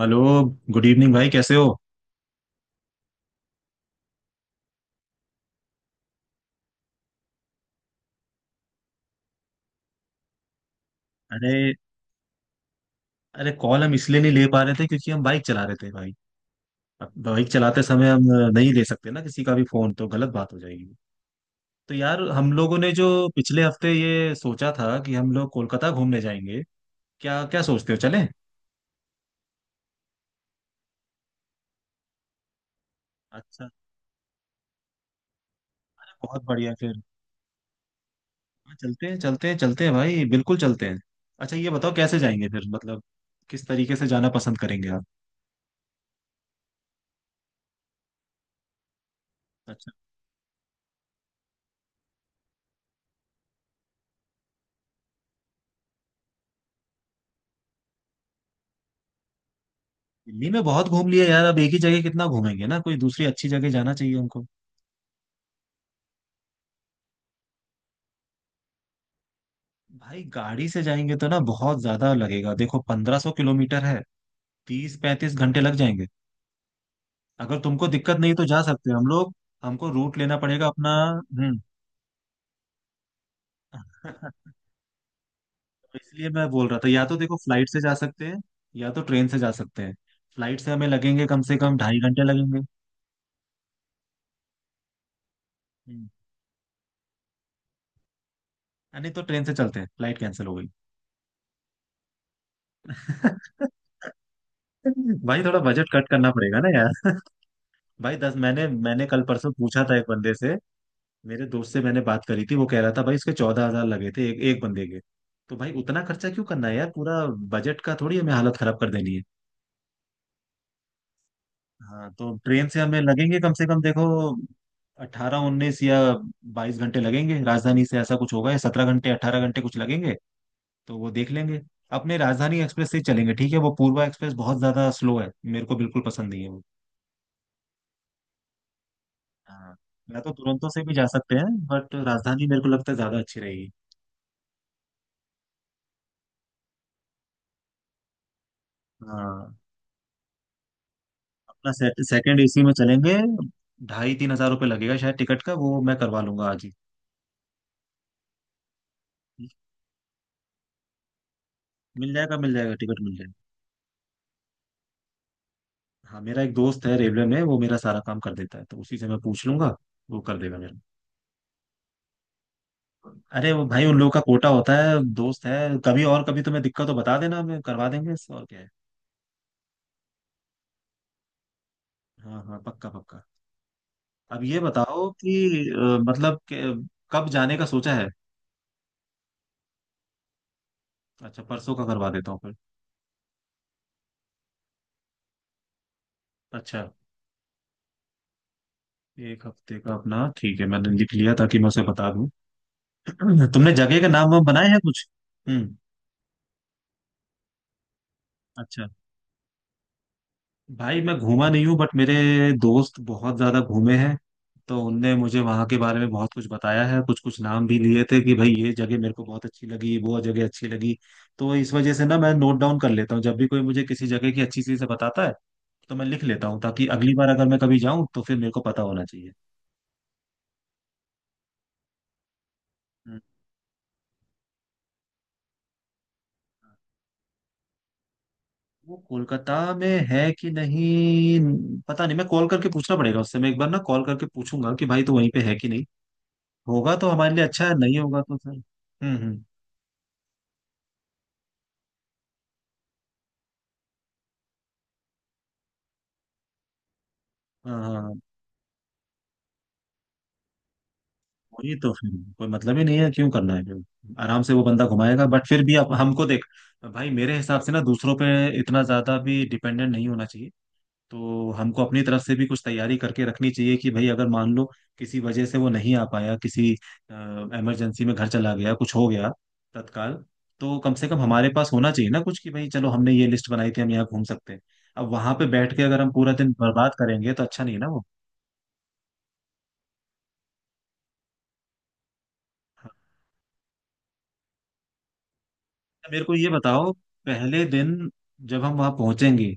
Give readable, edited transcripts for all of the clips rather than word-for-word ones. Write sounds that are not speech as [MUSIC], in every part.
Hello. Good evening भाई, कैसे हो? अरे अरे, कॉल हम इसलिए नहीं ले पा रहे थे क्योंकि हम बाइक चला रहे थे भाई। अब बाइक चलाते समय हम नहीं ले सकते ना किसी का भी फोन, तो गलत बात हो जाएगी। तो यार हम लोगों ने जो पिछले हफ्ते ये सोचा था कि हम लोग कोलकाता घूमने जाएंगे, क्या क्या सोचते हो, चलें? अच्छा। अरे बहुत बढ़िया फिर। हाँ, चलते हैं चलते हैं चलते हैं भाई, बिल्कुल चलते हैं। अच्छा ये बताओ कैसे जाएंगे फिर, मतलब किस तरीके से जाना पसंद करेंगे आप? अच्छा। दिल्ली में बहुत घूम लिया यार, अब एक ही जगह कितना घूमेंगे ना, कोई दूसरी अच्छी जगह जाना चाहिए हमको। भाई गाड़ी से जाएंगे तो ना बहुत ज्यादा लगेगा, देखो 1500 किलोमीटर है। 30-35 घंटे लग जाएंगे। अगर तुमको दिक्कत नहीं तो जा सकते हैं हम लोग। हमको रूट लेना पड़ेगा अपना। हम्म। [LAUGHS] तो इसलिए मैं बोल रहा था, या तो देखो फ्लाइट से जा सकते हैं या तो ट्रेन से जा सकते हैं। फ्लाइट से हमें लगेंगे कम से कम 2.5 घंटे लगेंगे। हम्म। नहीं तो ट्रेन से चलते हैं, फ्लाइट कैंसिल हो गई। [LAUGHS] भाई थोड़ा बजट कट करना पड़ेगा ना यार। [LAUGHS] भाई दस मैंने मैंने कल परसों पूछा था एक बंदे से, मेरे दोस्त से मैंने बात करी थी, वो कह रहा था भाई इसके 14 हजार लगे थे एक एक बंदे के। तो भाई उतना खर्चा क्यों करना है यार, पूरा बजट का थोड़ी हमें हालत खराब कर देनी है। हाँ तो ट्रेन से हमें लगेंगे कम से कम देखो 18-19 या 22 घंटे लगेंगे राजधानी से, ऐसा कुछ होगा, या 17 घंटे 18 घंटे कुछ लगेंगे। तो वो देख लेंगे। अपने राजधानी एक्सप्रेस से ही चलेंगे, ठीक है। वो पूर्वा एक्सप्रेस बहुत ज्यादा स्लो है, मेरे को बिल्कुल पसंद नहीं है वो। हाँ। या तो दुरंतो से भी जा सकते हैं बट राजधानी मेरे को लगता है ज्यादा अच्छी रहेगी। हाँ। अपना सेकंड एसी में चलेंगे। 2.5-3 हजार रुपये लगेगा शायद टिकट का, वो मैं करवा लूंगा आज ही। मिल जाएगा मिल जाएगा, टिकट मिल जाएगा। हाँ, मेरा एक दोस्त है रेलवे में, वो मेरा सारा काम कर देता है, तो उसी से मैं पूछ लूंगा। वो कर देगा मेरा। अरे वो भाई उन लोगों का कोटा होता है, दोस्त है। कभी और कभी तुम्हें दिक्कत हो बता देना, मैं करवा देंगे इससे और क्या है। हाँ हाँ, पक्का पक्का। अब ये बताओ कि मतलब कि, कब जाने का सोचा है? अच्छा, परसों का करवा देता हूँ फिर। अच्छा। एक हफ्ते का अपना, ठीक है, मैंने लिख लिया ताकि मैं उसे बता दूं। तुमने जगह का नाम वाम बनाए हैं कुछ? हम्म। अच्छा। भाई मैं घूमा नहीं हूँ बट मेरे दोस्त बहुत ज्यादा घूमे हैं। तो उनने मुझे वहां के बारे में बहुत कुछ बताया है, कुछ कुछ नाम भी लिए थे कि भाई ये जगह मेरे को बहुत अच्छी लगी, वो जगह अच्छी लगी। तो इस वजह से ना मैं नोट डाउन कर लेता हूँ जब भी कोई मुझे किसी जगह की अच्छी चीज से बताता है, तो मैं लिख लेता हूँ ताकि अगली बार अगर मैं कभी जाऊँ तो फिर मेरे को पता होना चाहिए। हम्म। वो कोलकाता में है कि नहीं, पता नहीं, मैं कॉल करके पूछना पड़ेगा उससे। मैं एक बार ना कॉल करके पूछूंगा कि भाई तो वहीं पे है कि नहीं। होगा तो हमारे लिए अच्छा है, नहीं होगा तो फिर हम्म। हाँ हाँ, वही तो फिर कोई मतलब ही नहीं है क्यों करना है फिर, आराम से वो बंदा घुमाएगा, बट फिर भी आप हमको देख। भाई मेरे हिसाब से ना दूसरों पे इतना ज्यादा भी डिपेंडेंट नहीं होना चाहिए। तो हमको अपनी तरफ से भी कुछ तैयारी करके रखनी चाहिए कि भाई अगर मान लो किसी वजह से वो नहीं आ पाया, किसी इमरजेंसी में घर चला गया, कुछ हो गया तत्काल, तो कम से कम हमारे पास होना चाहिए ना कुछ कि भाई चलो हमने ये लिस्ट बनाई थी हम यहाँ घूम सकते हैं। अब वहां पे बैठ के अगर हम पूरा दिन बर्बाद करेंगे तो अच्छा नहीं ना वो। हाँ। अच्छा मेरे को ये बताओ, पहले दिन जब हम वहां पहुंचेंगे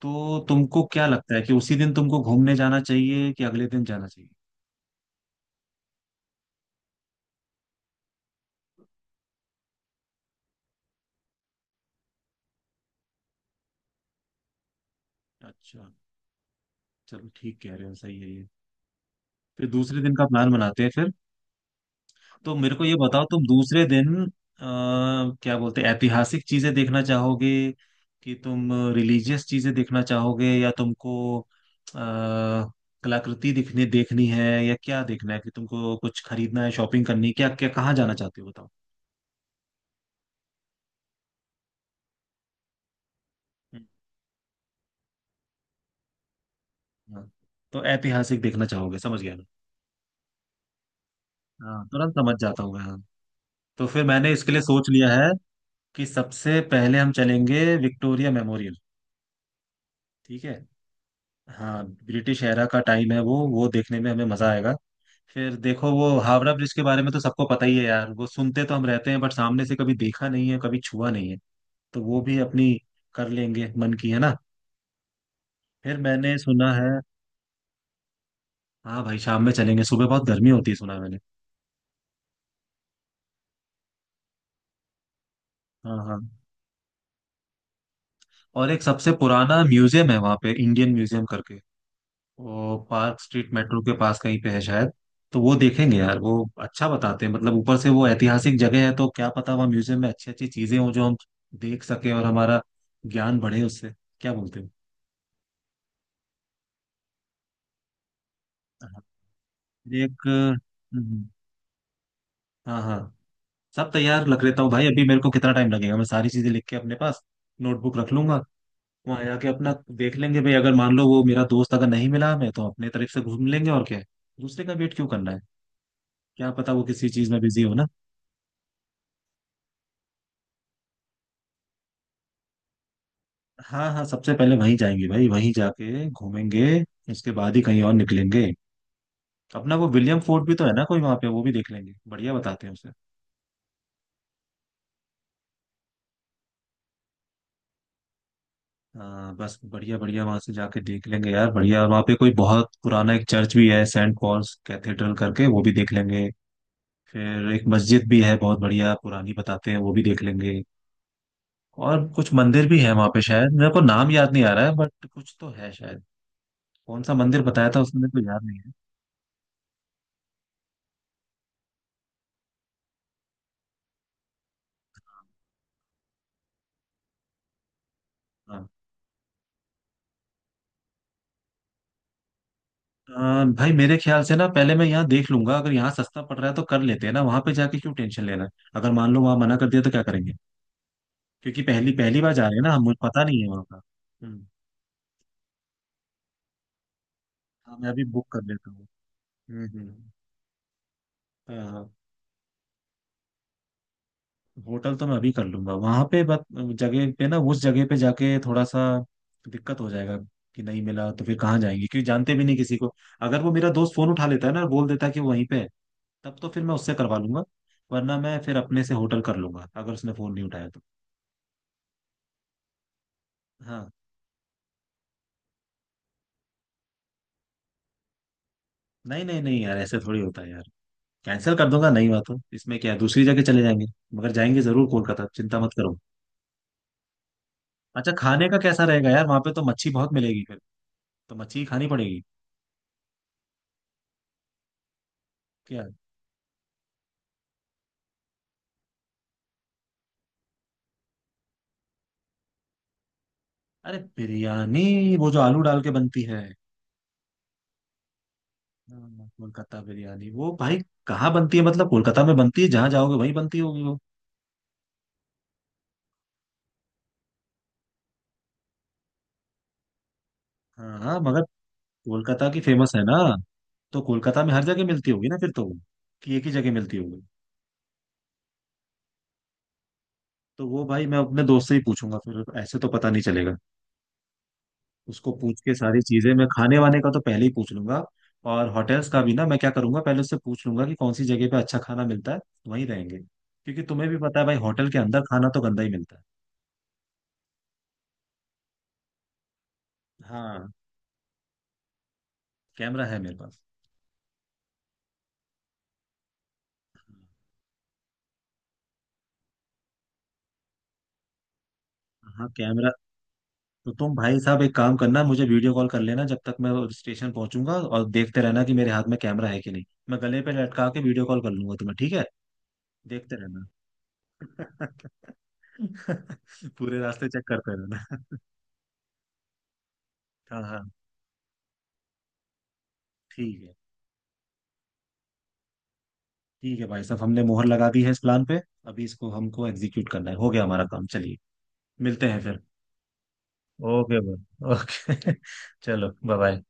तो तुमको क्या लगता है कि उसी दिन तुमको घूमने जाना चाहिए कि अगले दिन जाना चाहिए? अच्छा, चलो ठीक कह रहे हो, सही है ये। फिर दूसरे दिन का प्लान बनाते हैं फिर। तो मेरे को ये बताओ, तुम दूसरे दिन क्या बोलते हैं, ऐतिहासिक चीजें देखना चाहोगे कि तुम रिलीजियस चीजें देखना चाहोगे, या तुमको कलाकृति दिखने देखनी है, या क्या देखना है, कि तुमको कुछ खरीदना है, शॉपिंग करनी है, क्या क्या कहाँ जाना चाहते हो बताओ? हम्म। हाँ। तो ऐतिहासिक देखना चाहोगे, समझ गया ना। हाँ तुरंत समझ जाता हूँ मैं, हाँ। तो फिर मैंने इसके लिए सोच लिया है कि सबसे पहले हम चलेंगे विक्टोरिया मेमोरियल। ठीक है। हाँ ब्रिटिश एरा का टाइम है वो देखने में हमें मजा आएगा। फिर देखो वो हावड़ा ब्रिज के बारे में तो सबको पता ही है यार, वो सुनते तो हम रहते हैं बट सामने से कभी देखा नहीं है, कभी छुआ नहीं है। तो वो भी अपनी कर लेंगे मन की, है ना। फिर मैंने सुना है, हाँ भाई शाम में चलेंगे, सुबह बहुत गर्मी होती है सुना है मैंने। हाँ हाँ। और एक सबसे पुराना म्यूजियम है वहाँ पे, इंडियन म्यूजियम करके। वो पार्क स्ट्रीट मेट्रो के पास कहीं पे है शायद। तो वो देखेंगे यार वो। अच्छा बताते हैं, मतलब ऊपर से वो ऐतिहासिक जगह है तो क्या पता वहाँ म्यूजियम में अच्छी अच्छी चीजें हों जो हम देख सकें और हमारा ज्ञान बढ़े उससे। क्या बोलते हो? हाँ। फिर एक, हम्म, हाँ हाँ, सब तैयार रख लेता हूँ भाई। अभी मेरे को कितना टाइम लगेगा, मैं सारी चीजें लिख के अपने पास नोटबुक रख लूंगा। वहां जाके अपना देख लेंगे भाई, अगर मान लो वो मेरा दोस्त अगर नहीं मिला हमें तो अपने तरफ से घूम लेंगे और क्या है। दूसरे का वेट क्यों करना है। क्या पता वो किसी चीज में बिजी हो ना। हाँ हाँ, सबसे पहले वहीं जाएंगे भाई, वहीं जाके घूमेंगे, इसके बाद ही कहीं और निकलेंगे। अपना वो विलियम फोर्ट भी तो है ना कोई वहाँ पे, वो भी देख लेंगे, बढ़िया बताते हैं उसे। हाँ बस बढ़िया बढ़िया, वहाँ से जाके देख लेंगे यार बढ़िया। वहाँ पे कोई बहुत पुराना एक चर्च भी है, सेंट पॉल्स कैथेड्रल करके, वो भी देख लेंगे। फिर एक मस्जिद भी है बहुत बढ़िया पुरानी बताते हैं, वो भी देख लेंगे। और कुछ मंदिर भी है वहाँ पे शायद, मेरे को नाम याद नहीं आ रहा है बट कुछ तो है शायद। कौन सा मंदिर बताया था उसने, मेरे को याद नहीं है। हाँ। भाई मेरे ख्याल से ना पहले मैं यहाँ देख लूंगा, अगर यहाँ सस्ता पड़ रहा है तो कर लेते हैं ना, वहां पे जाके क्यों टेंशन लेना है। अगर मान लो वहां मना कर दिया तो क्या करेंगे, क्योंकि पहली पहली बार जा रहे हैं ना हम, मुझे पता नहीं है वहां का। हम्म। हाँ मैं अभी बुक कर लेता हूँ। हम्म। हाँ, होटल तो मैं अभी कर लूंगा वहां पे बस जगह पे ना, उस जगह पे जाके थोड़ा सा दिक्कत हो जाएगा कि नहीं मिला तो फिर कहाँ जाएंगे क्योंकि जानते भी नहीं किसी को। अगर वो मेरा दोस्त फोन उठा लेता है ना और बोल देता है कि वो वहीं पे है, तब तो फिर मैं उससे करवा लूंगा। वरना मैं फिर अपने से होटल कर लूंगा, अगर उसने फोन नहीं उठाया तो। हाँ, नहीं नहीं नहीं यार, ऐसे थोड़ी होता है यार। कैंसिल कर दूंगा, नहीं हुआ तो इसमें क्या है, दूसरी जगह चले जाएंगे। मगर जाएंगे जरूर कोलकाता, चिंता मत करो। अच्छा खाने का कैसा रहेगा यार, वहां पे तो मच्छी बहुत मिलेगी फिर, तो मच्छी ही खानी पड़ेगी। क्या? अरे बिरयानी, वो जो आलू डाल के बनती है? हाँ, कोलकाता बिरयानी। वो भाई कहाँ बनती है, मतलब कोलकाता में बनती है, जहां जाओगे वहीं बनती होगी वो। हाँ हाँ मगर कोलकाता की फेमस है ना, तो कोलकाता में हर जगह मिलती होगी ना फिर तो वो, कि एक ही जगह मिलती होगी? तो वो भाई मैं अपने दोस्त से ही पूछूंगा फिर, ऐसे तो पता नहीं चलेगा। उसको पूछ के सारी चीजें मैं, खाने वाने का तो पहले ही पूछ लूंगा, और होटल्स का भी ना। मैं क्या करूंगा पहले उससे पूछ लूंगा कि कौन सी जगह पे अच्छा खाना मिलता है, वहीं रहेंगे क्योंकि तुम्हें भी पता है भाई होटल के अंदर खाना तो गंदा ही मिलता है। हाँ। कैमरा है मेरे पास। हाँ कैमरा। तो तुम भाई साहब एक काम करना, मुझे वीडियो कॉल कर लेना जब तक मैं स्टेशन पहुंचूंगा, और देखते रहना कि मेरे हाथ में कैमरा है कि नहीं। मैं गले पे लटका के वीडियो कॉल कर लूंगा तुम्हें, ठीक है। देखते रहना। [LAUGHS] पूरे रास्ते चेक करते रहना। [LAUGHS] हाँ हाँ, ठीक है। ठीक है भाई साहब, हमने मोहर लगा दी है इस प्लान पे। अभी इसको हमको एग्जीक्यूट करना है, हो गया हमारा काम, चलिए, मिलते हैं फिर। ओके भाई, ओके। [LAUGHS] चलो, बाय बाय।